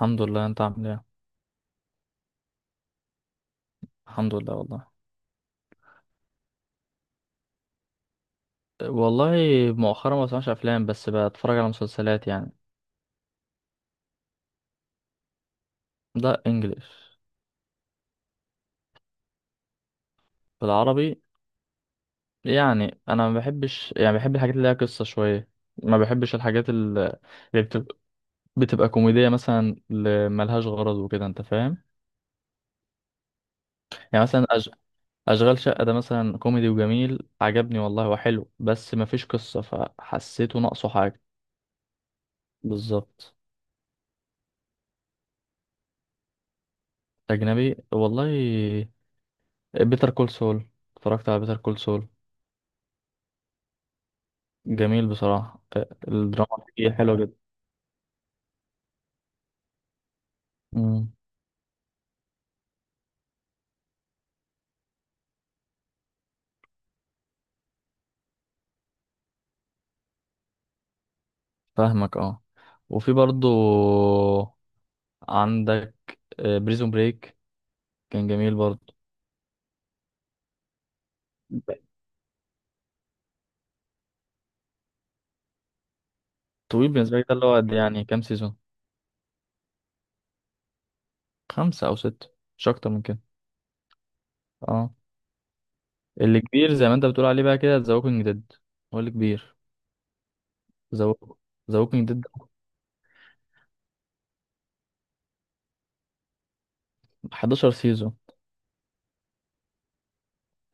الحمد لله، انت عامل ايه؟ الحمد لله والله مؤخرا ما بسمعش افلام، بس بتفرج على مسلسلات يعني. ده انجليش. بالعربي يعني، انا ما بحبش، يعني بحب الحاجات اللي ليها قصة شوية. ما بحبش الحاجات اللي بتبقى كوميدية مثلا، اللي ملهاش غرض وكده، انت فاهم. يعني مثلا اشغال شقة ده مثلا كوميدي وجميل، عجبني والله وحلو، بس ما فيش قصة فحسيته ناقصه حاجة. بالظبط. اجنبي والله. بيتر كول سول. اتفرجت على بيتر كول سول، جميل بصراحة. الدراما فيه حلوة جدا. مم. فاهمك، اه. وفي برضو عندك بريزون بريك، كان جميل برضو. طويل بالنسبة لي ده؟ اللي هو قد يعني كام سيزون؟ خمسة أو ستة، مش أكتر من كده. اه. اللي كبير زي ما أنت بتقول عليه بقى كده ذا ووكينج ديد، هو اللي كبير. ذا ذا ووكينج ديد. 11 سيزون.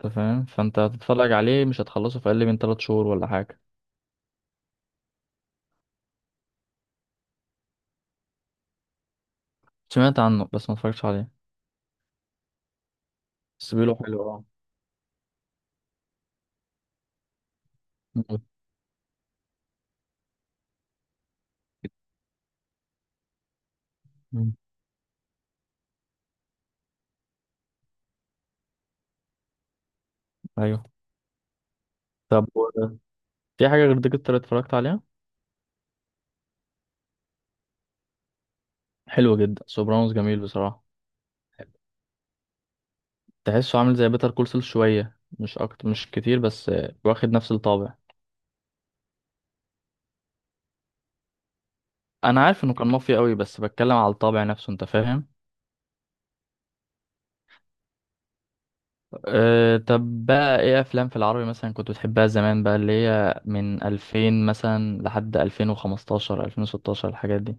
أنت فاهم، فأنت هتتفرج عليه مش هتخلصه في أقل من 3 شهور ولا حاجة. سمعت عنه بس ما اتفرجتش عليه. بس بيقولوا حلو، اه. مم. مم. أيوه. طب و- في حاجة غير ديكستر اتفرجت عليها؟ حلو جدا سوبرانوس، جميل بصراحة. تحسه عامل زي بيتر كول سول شوية، مش أكتر مش كتير، بس واخد نفس الطابع. أنا عارف إنه كان مافيا قوي، بس بتكلم على الطابع نفسه، أنت فاهم. أه، طب بقى إيه أفلام في العربي مثلا كنت بتحبها زمان بقى، اللي هي من 2000 مثلا لحد 2015، 2016، الحاجات دي.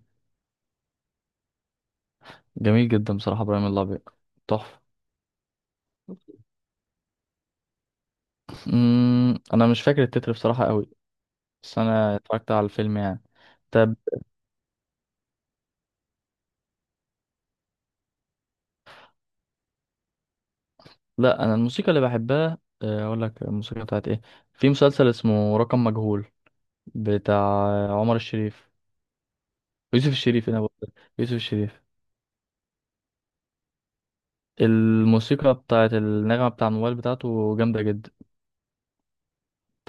جميل جدا بصراحة إبراهيم الأبيض، تحفة. أنا مش فاكر التتر بصراحة قوي، بس أنا اتفرجت على الفيلم يعني. طب، لا انا الموسيقى اللي بحبها، اقول لك الموسيقى بتاعت ايه، في مسلسل اسمه رقم مجهول، بتاع عمر الشريف، يوسف الشريف انا بقول، يوسف الشريف. الموسيقى بتاعت النغمة بتاع الموبايل بتاعته جامدة جدا،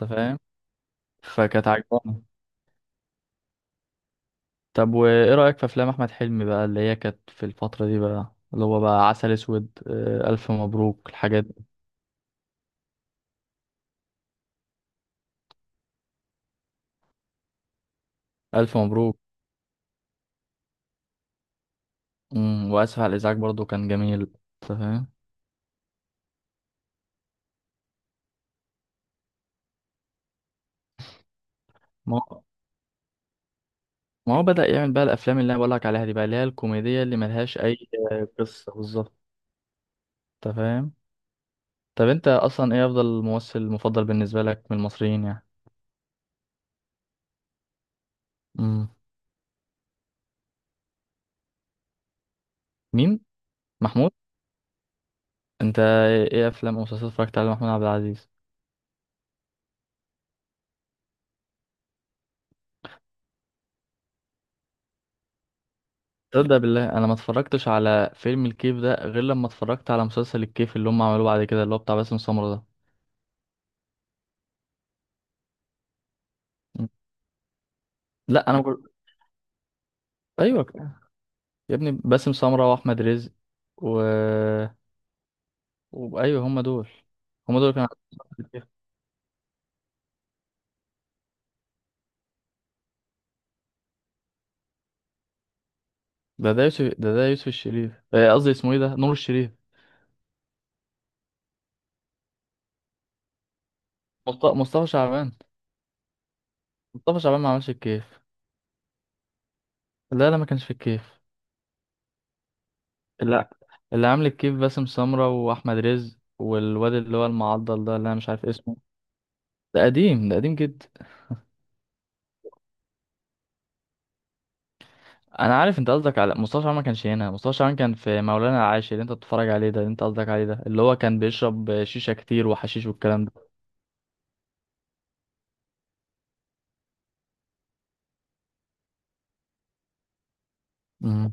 انت فاهم، فكانت عجباني. طب وايه رأيك في افلام احمد حلمي بقى اللي هي كانت في الفترة دي بقى، اللي هو بقى عسل اسود، الف مبروك، الحاجات دي. الف مبروك. واسف على الازعاج برضو، كان جميل، انت فاهم. ما هو بدأ يعمل بقى الافلام اللي انا بقولك عليها دي بقى، اللي هي الكوميدية اللي ملهاش اي قصة بالظبط، انت فاهم. طب انت اصلا ايه افضل ممثل مفضل بالنسبة لك من المصريين يعني؟ امم. مين؟ محمود؟ انت ايه افلام او مسلسلات اتفرجت على محمود عبد العزيز؟ تصدق بالله انا ما اتفرجتش على فيلم الكيف ده غير لما اتفرجت على مسلسل الكيف اللي هم عملوه بعد كده، اللي هو بتاع باسم سمرة ده. مم. لا انا بقول. ايوه، يا ابني باسم سمرة واحمد رزق و... ايوه هم دول كانوا عاملين مسلسل الكيف. ده يوسف، ده يوسف الشريف، قصدي اسمه ايه ده، نور الشريف. مصطفى شعبان؟ مصطفى شعبان ما عملش الكيف. لا لا، ما كانش في الكيف. لا، اللي عامل الكيف باسم سمرة واحمد رزق والواد اللي هو المعضل ده اللي انا مش عارف اسمه. ده قديم، ده قديم جدا. انا عارف انت قصدك على مصطفى شعبان، ما كانش هنا. مصطفى شعبان كان في مولانا العاشر اللي انت بتتفرج عليه ده، اللي انت قصدك عليه ده، اللي هو كان بيشرب شيشة كتير وحشيش والكلام ده. مم.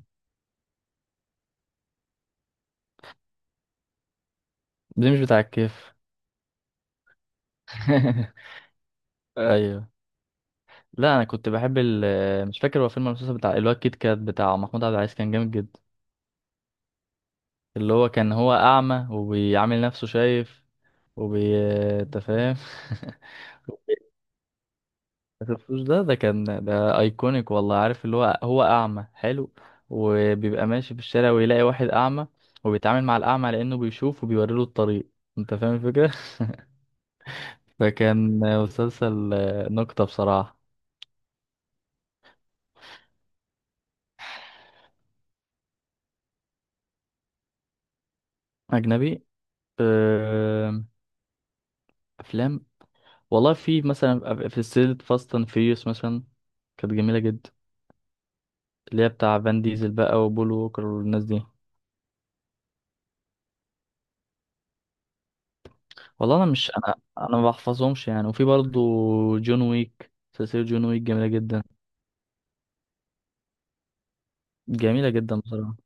ده مش بتاع الكيف. ايوه. لا انا كنت بحب ال، مش فاكر هو فيلم المسلسل بتاع الواد كيت كات بتاع محمود عبد العزيز، كان جامد جدا. اللي هو كان هو اعمى وبيعامل نفسه شايف، وبي، أنت فاهم. ما شفتوش ده كان، ده ايكونيك والله، عارف اللي هو، هو اعمى حلو وبيبقى ماشي في الشارع ويلاقي واحد اعمى، وبيتعامل مع الاعمى لانه بيشوف وبيوري له الطريق، انت فاهم الفكره. فكان مسلسل نكته بصراحه. اجنبي. أم، افلام والله، في مثلا في سلسلة فاست اند فيوريوس مثلا، كانت جميلة جدا، اللي هي بتاع فان ديزل بقى وبول ووكر والناس دي. والله انا مش، انا ما بحفظهمش يعني. وفي برضو جون ويك، سلسلة جون ويك جميلة جدا. جميلة جدا بصراحة.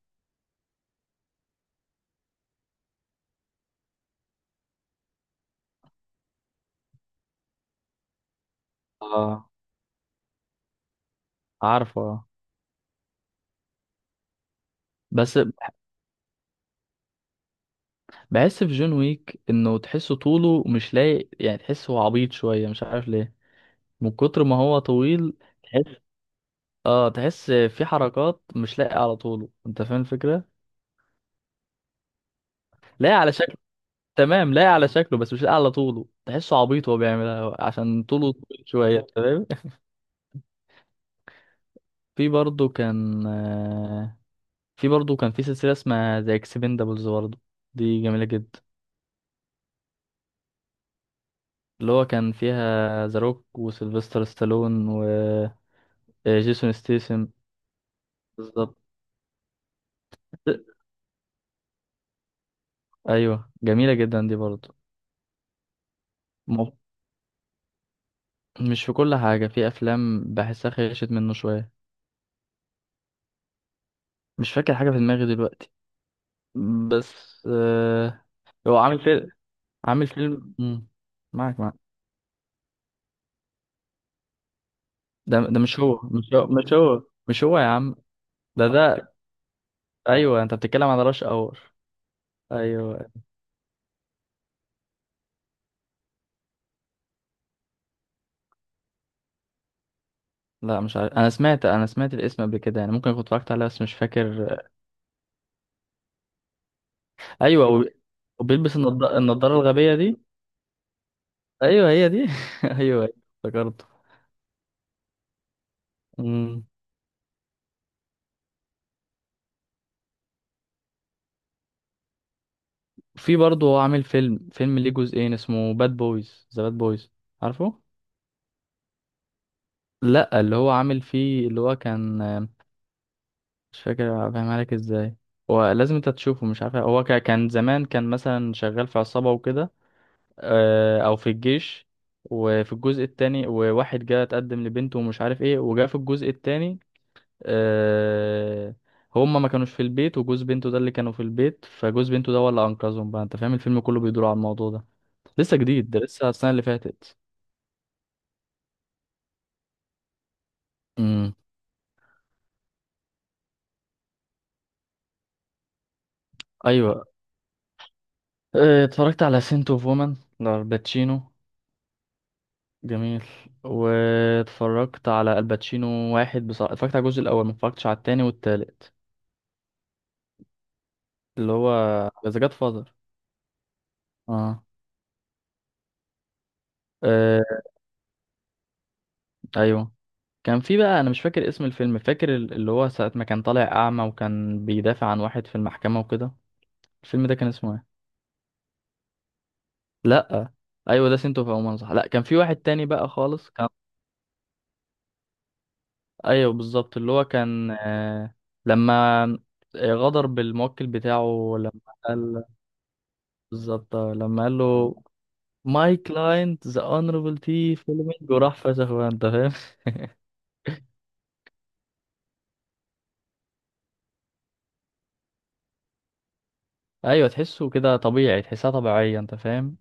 اه. عارفه، آه. بس بحس في جون ويك انه تحسه طوله مش لايق، يعني تحسه عبيط شوية، مش عارف ليه، من كتر ما هو طويل. تحس، اه تحس في حركات مش لايقة على طوله، انت فاهم الفكرة؟ لا على، تمام، لايق على شكله بس مش لايق على طوله، تحسه عبيط وهو بيعملها عشان طوله طويل شوية، تمام. في برضه كان في برضه كان في سلسلة اسمها ذا اكسبندابلز برضه، دي جميلة جدا، اللي هو كان فيها ذا روك وسيلفستر ستالون وجيسون ستيسن. بالظبط. ايوه جميلة جدا دي برضه. م- مش في كل حاجة، في افلام بحسها خيشت منه شوية. مش فاكر حاجة في دماغي دلوقتي، بس آه، هو عامل فيلم، مم. معك، معك. ده ده مش هو مش هو مش هو مش هو يا عم. ده ايوه، انت بتتكلم على راش اور. ايوه. لا مش عارف، انا سمعت، انا سمعت الاسم قبل كده يعني، ممكن كنت اتفرجت عليه بس مش فاكر. ايوه وبيلبس النضاره الغبيه دي. ايوه هي دي ايوه، افتكرته. مم. في برضه هو عامل فيلم، فيلم ليه جزئين اسمه باد بويز، ذا باد بويز، عارفه. لا، اللي هو عامل فيه، اللي هو كان، مش فاكر افهمها لك ازاي، هو لازم انت تشوفه، مش عارف. هو كان زمان، كان مثلا شغال في عصابة وكده، او في الجيش. وفي الجزء التاني، وواحد جه اتقدم لبنته ومش عارف ايه، وجاء في الجزء التاني آه، هما ما كانوش في البيت، وجوز بنته ده اللي كانوا في البيت، فجوز بنته ده هو اللي انقذهم بقى، انت فاهم، الفيلم كله بيدور على الموضوع ده. لسه جديد ده، لسه السنة اللي فاتت. امم. ايوه، اتفرجت على سنت اوف وومن لالباتشينو. جميل. واتفرجت على الباتشينو واحد بصراحة، اتفرجت على الجزء الأول، ما اتفرجتش على التاني والتالت. اللي هو ذا جاد فاذر. اه. آه، أيوه. كان في بقى أنا مش فاكر اسم الفيلم، فاكر اللي هو ساعة ما كان طالع أعمى وكان بيدافع عن واحد في المحكمة وكده، الفيلم ده كان اسمه ايه؟ لأ. أيوه ده سنتو في عمان صح؟ لأ، كان في واحد تاني بقى خالص كان. أيوه بالظبط، اللي هو كان آه... لما غدر بالموكل بتاعه، لما قال، بالظبط، لما قال له ماي كلاينت ذا اونربل تي فيلمينج وراح فشخ بقى، انت فاهم. ايوه تحسه كده طبيعي، تحسها طبيعيه، انت فاهم.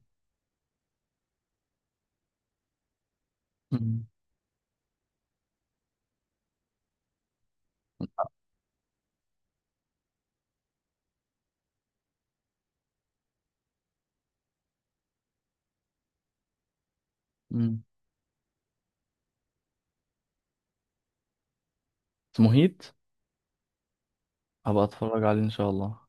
مم. مم. مهيت؟ هبقى اتفرج عليه ان شاء الله.